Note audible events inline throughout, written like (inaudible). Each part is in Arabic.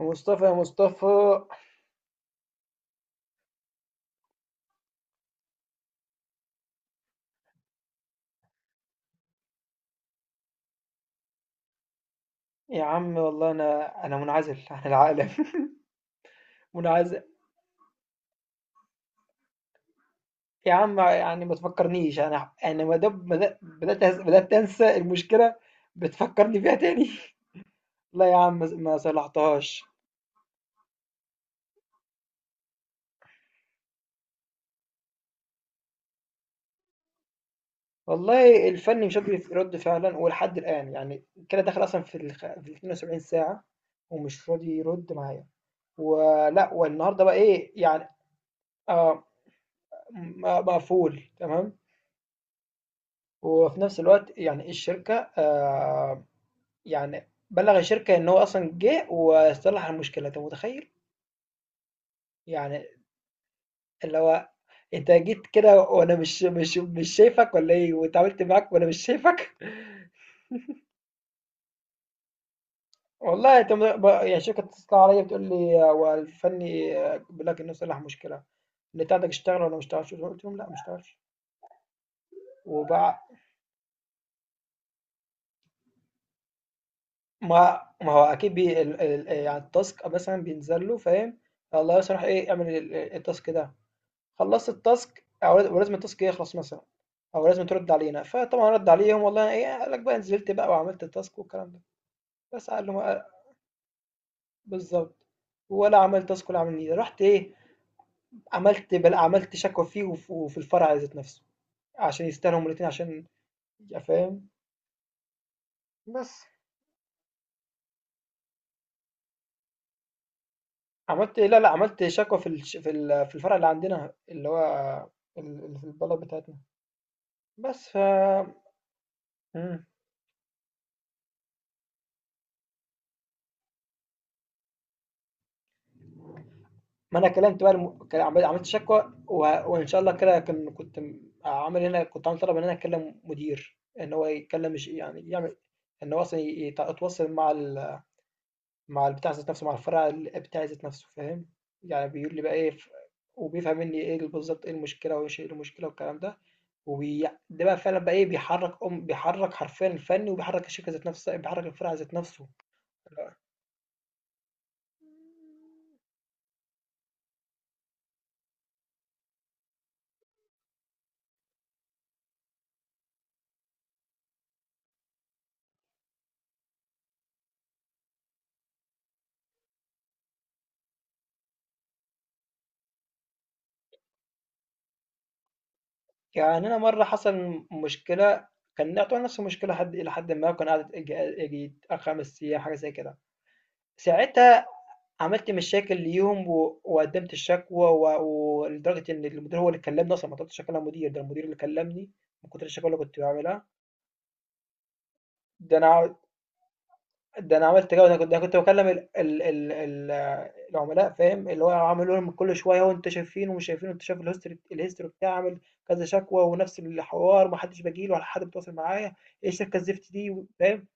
مصطفى، يا مصطفى. يا عم والله انا منعزل عن العالم. (laughs) منعزل. يا عم يعني ما تفكرنيش. انا ما دام بدات بدات انسى المشكله، بتفكرني بيها تاني. (laughs) لا يا عم، ما صلحتهاش. والله الفن مش قادر يرد فعلا، ولحد الان يعني كده داخل اصلا في ال 72 ساعه، ومش راضي يرد معايا ولا والنهارده بقى ايه يعني. آه، مقفول تمام. وفي نفس الوقت يعني الشركه، يعني بلّغ الشركة إن هو أصلًا جِه وصلّح المشكلة، أنت متخيّل؟ يعني اللي هو أنت جيت كده وأنا مش شايفك والّا إيه، واتعاملت معاك وأنا مش شايفك؟ (laughs) والله أنت م ب يعني الشركة بتتصل عليَّ، بتقول لي هو الفني بيقول لك إنه صلّح مشكلة. النت عندك اشتغل والّا ما اشتغلش؟ قُلت لهم: "لأ، ما اشتغلش." وبع، ما ما هو أكيد بي ال ال يعني الtask مثلًا بينزل له، فاهم؟ الله يصلح إيه، اعمل ال الtask ده. خلصت التاسك او ولازم التاسك يخلص مثلا، او لازم ترد علينا. فطبعا رد عليهم والله ايه، قال لك بقى نزلت بقى وعملت التاسك والكلام ده. بس قال له ما-، بالظبط. ولا عملت تاسك ولا عمل نيله. رحت ايه؟ عملت بل عملت شكوى فيه وفي الفرع ذات نفسه، عشان يستاهلوا الاثنين، عشان يا فاهم. بس عملت إيه، لا لا عملت شكوى في في الفرع اللي عندنا، اللي هو اللي في البلد بتاعتنا. بس ف، مم. ما انا كلمت بقى الم... كان عملت شكوى و... وان شاء الله كده كان كنت عامل هنا، كنت عامل طلب ان انا اكلم مدير ان هو يتكلم، مش يعني يعمل، ان هو اصلا يتواصل مع ال... مع البتاع ذات نفسه، مع الفرع بتاع ذات نفسه، فاهم؟ يعني بيقول لي بقى ايه ف... وبيفهم مني ايه بالظبط، ايه المشكله، وايش ايه المشكله والكلام ده. وبي... ده بقى فعلا بقى ايه، بيحرك ام بيحرك حرفيا الفني، وبيحرك الشركه ذات نفسها، بيحرك الفرع ذات نفسه. يعني أنا مرّة حصل مشكلة، كان يعتبر نفس المشكلة حد إلى حدٍ ما، وكان قعدت ييجي 4، 5 أيام حاجة زي كده. ساعتها عملت مشاكل ليهم و وقدّمت الشكوى و ولدرجة إن المدير هو اللي كلّمني أصلًا، ما طلبتش أكلّم مدير، ده المدير اللي كلّمني من كتر الشكاوى اللي كنت باعملها. ده أنا ده أنا عملت كده، أنا كنت باكلّم ال العملاء، فاهم؟ اللي هو عامل لهم كل شوية هو أنتم شايفين ومش شايفين، وأنت شايف الhistory بتاعي، عامل كذا شكوى ونفس الحوار، ما حدّش باجي له ولا حد بيتواصل معايا. إيه الشركة الزفت دي، فاهم؟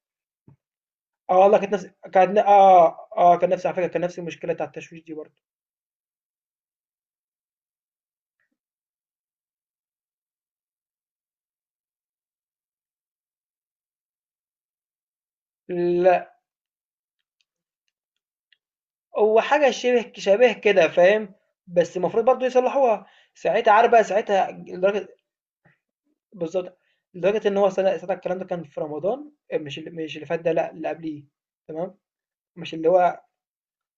آه والله كانت نفس كانت آه، آه كان نفس على فكرة، كان نفس المشكلة بتاع التشويش دي برضه. لأ، هو حاجة شِبه شبيه كده، فاهم؟ بس المفروض برضه يصلّحوها. ساعتها عارف بقى، ساعتها لدرجة بالضبط، لدرجة إن هو صدق الكلام ده. كان في رمضان، آه، مش ال مش اللي فات ده، لأ، اللي قبليه، تمام، مش اللي هو.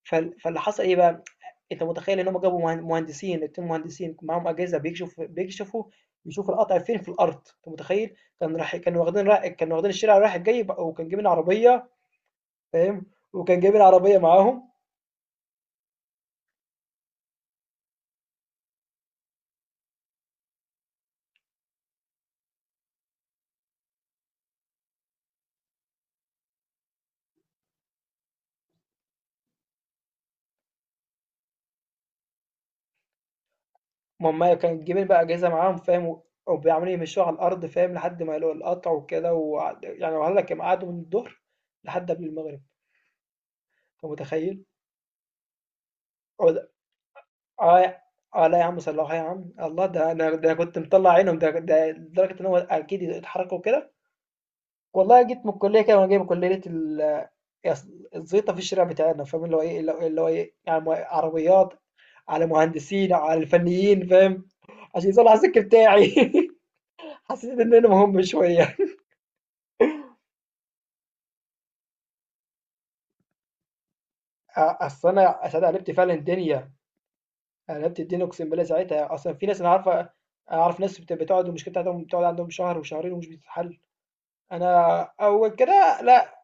فال فاللي حصل إيه بقى، أنت متخيل إن هُم جابوا مه مهندسين، 2 مهندسين معاهم أجهزة بيكشف بيكشفوا بيشوفوا القطع فين في الأرض، أنت متخيل؟ كان راح كانوا واخدين ر كانوا واخدين الشارع رايح جاي بق، وكانوا جايبين عربية، فاهم؟ وكانوا جايبين عربية معاهم. ما هُم كانوا جايبين بقى أجهزة معاهم، فاهم؟ وعمالين يمشوها على الأرض، فاهم؟ لحد ما يلاقوا القطع وكده، وقعد يعني وقال لك قعدوا من الضهر لحد قبل المغرب، أنت متخيل؟ عود- اه، اه لا يا عم، صلحوها يا عم الله. ده انا ده كنت مطلع عينهم، ده ده لدرجه ان هو اكيد اتحركوا كده. والله جيت من الكليه كده وانا جاي من كليه الزيطه في الشارع بتاعنا، فاهم؟ اللي هو ايه، اللي هو اللي هو ايه يعني عربيات على مهندسين، على الفنيين، فاهم؟ عشان يطلع الذكر بتاعي. (laughs) حسيت ان انا مهم شويه. اصل انا قلبت فعلا الدنيا. أنا قلبت الدنيا، اقسم بالله ساعتها اصلا في ناس انا عارفه. اعرف ناس بتقعد المشكله بتاعتهم، بتقعد عندهم شهر وشهرين ومش بتتحل. انا اول كده لا.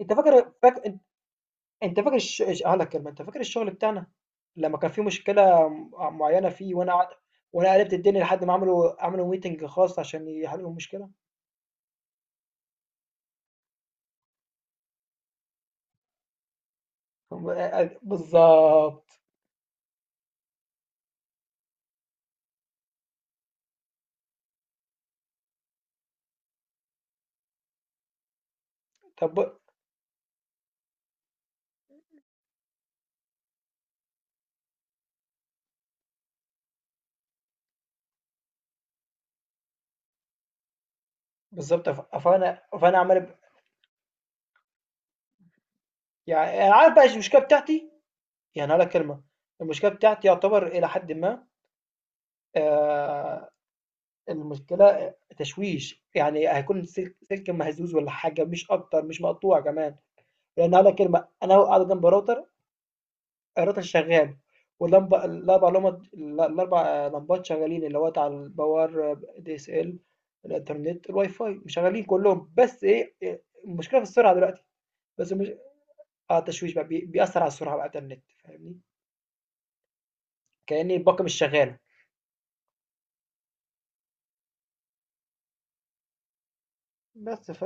انت فاكر انت فاكر هقول لك كلمه. انت فاكر الشغل بتاعنا لما كان في مشكله معينه فيه، وانا قعدت وانا قلبت الدنيا لحد ما عملوا ميتنج خاص عشان يحلوا المشكله بالظبط. طب بالظبط فانا عمال ب-، يعني انا عارف بقى المشكله بتاعتي. يعني هقول لك كلمه، المشكله بتاعتي يعتبر الى حد ما، آه، المشكله تشويش، يعني هيكون سلك سلك مهزوز ولا حاجه، مش اكتر، مش مقطوع كمان. يعني هقول لك كلمه، انا قاعد جنب راوتر، الراوتر شغال، واللمبه الاربع لمبات، الاربع لمبات شغالين، اللي هو بتاع الباور دي اس ال، الانترنت الواي فاي شغالين كلهم. بس إيه، المشكله في السرعه دلوقتي، بس مش، اه التشويش بقى بيأثر على السرعه بقى بتاع النت، فاهمني؟ كأني الباقه مش شغاله. بس ف،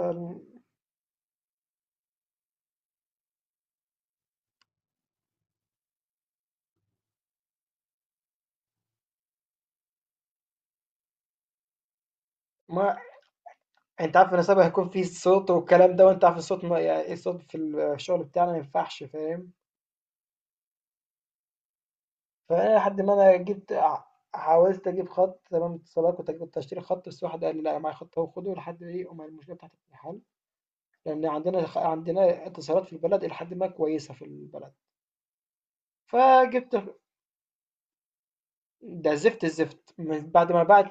ما انت عارف ان سبق هيكون في صوت والكلام ده، وانت عارف الصوت ما... يعني الصوت في الشغل بتاعنا ما ينفعش، فاهم؟ فانا لحد ما انا جبت حاولت اجيب خط تمام اتصالات. كنت اشتري خط، بس واحد قال لي لا معايا خط اهو، خده لحد ايه أما المشكله بتاعت الامتحان، لان عندنا عندنا اتصالات في البلد الى حد ما كويسه في البلد. فجبت، ده زفت. الزفت من بعد ما بعت،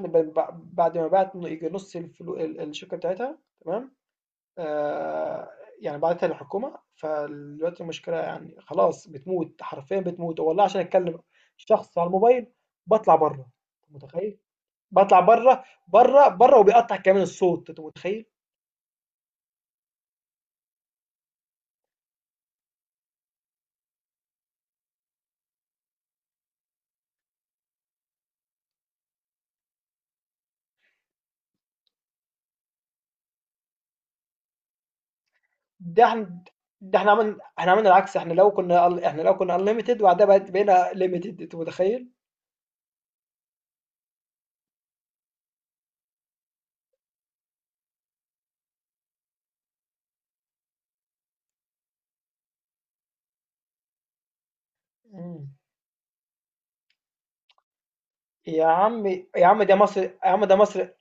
بعد ما بعت يجي نص الفلو الشركه بتاعتها، تمام، آه، يعني بعتها للحكومه. فدلوقتي المشكله يعني خلاص، بتموت حرفيا بتموت والله. عشان اتكلم شخص على الموبايل، بطلع بره، متخيل؟ باطلع بره وبيقطع كمان الصوت، انت متخيل؟ ده احنا ده احنا عملنا، عملنا العكس. احنا لو كنا، احنا لو كنا انليمتد وبعدها بقت بقينا ليميتد، انت متخيل؟ مم. يا عم، يا عم ده مصر، يا عم ده مصر يا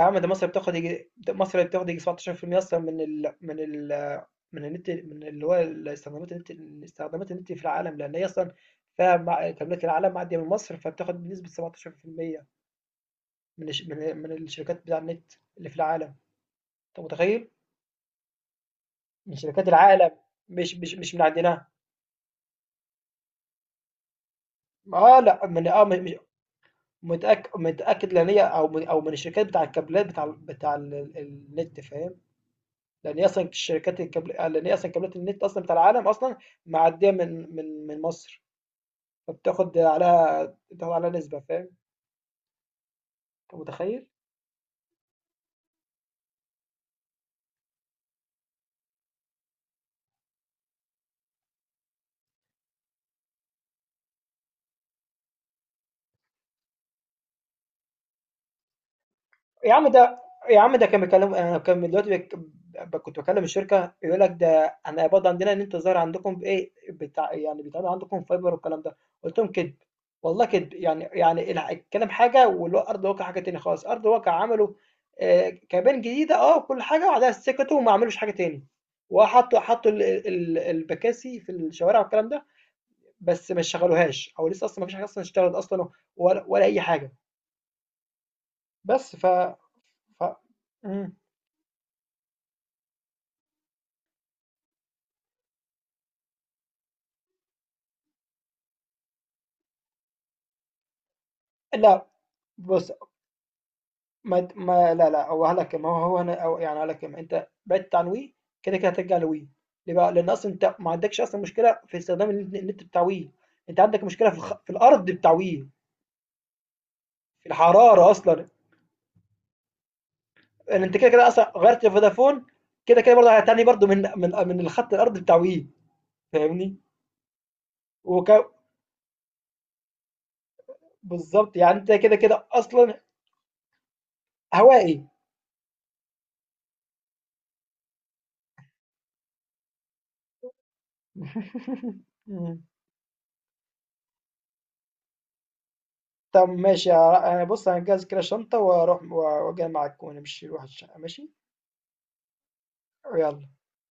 عم ده مصر بتاخد يجي، ده مصر بتاخد يجي 17% اصلا من ال من النت، من اللي هو استخدامات النت، استخدامات النت في العالم. لان هي اصلا فيها تملك العالم، معديه من مصر، فبتاخد بنسبه 17% من الشركات بتاع النت اللي في العالم، انت متخيل؟ من شركات العالم، مش من عندنا. اه لا من اه من-، مش-، متاكد متاكد، لان هي او من او من الشركات بتاع الكابلات بتاع النت، فاهم؟ لان هي اصلا شركات الكابل، آه، لان هي اصلا كابلات النت اصلا بتاع العالم اصلا معديه من مصر، فبتاخد عليها، بتاخد عليها نسبه، فاهم؟ انت متخيل؟ يا عم ده، يا عم ده كان بيكلم، انا كان دلوقتي بك...، ب- كنت بكلم الشركه يقول لك ده انا برضه عندنا ان انت ظاهر عندكم بايه بتاع، يعني بيتعمل عندكم فايبر والكلام ده. قلت لهم كذب، والله كذب. يعني يعني الكلام حاجه، والارض واقع حاجه تاني خالص. ارض واقع عملوا، آه، كابين جديده، اه كل حاجه، وبعدها سكتوا وما عملوش حاجه تاني. وحطوا البكاسي في الشوارع والكلام ده، بس ما شغلوهاش، او لسه اصلا ما فيش حاجه اصلا اشتغلت اصلا، ولا، ولا اي حاجه. بس ف، ف...، مم. لأ، بُص. ما ت ما لا، لأ، هو قال لك ما هو هو أنا أو يعني هاقول لك. أنت بعدت عن Wii، كده، كده هترجع لWii. ليه بقى؟ لأن أصلًا أنت ما عندكش أصلًا مشكلة في استخدام النت بتاع Wii، أنت عندك مشكلة في في الأرض بتاع Wii، في الحرارة أصلًا. لأن أنت كده، كده أصلًا غيّرت فودافون، كده، كده برضه هتعاني برضه من الخط الأرض بتاع Wii، فاهمني؟ وك بالضبط، يعني أنت كده، كده أصلًا هوائي. (laughs) إمم. طب ماشي، أنا بص هنجهز كده شنطة وأروح وأجي معاك ونمشي نروح الشقة، ماشي. يلا.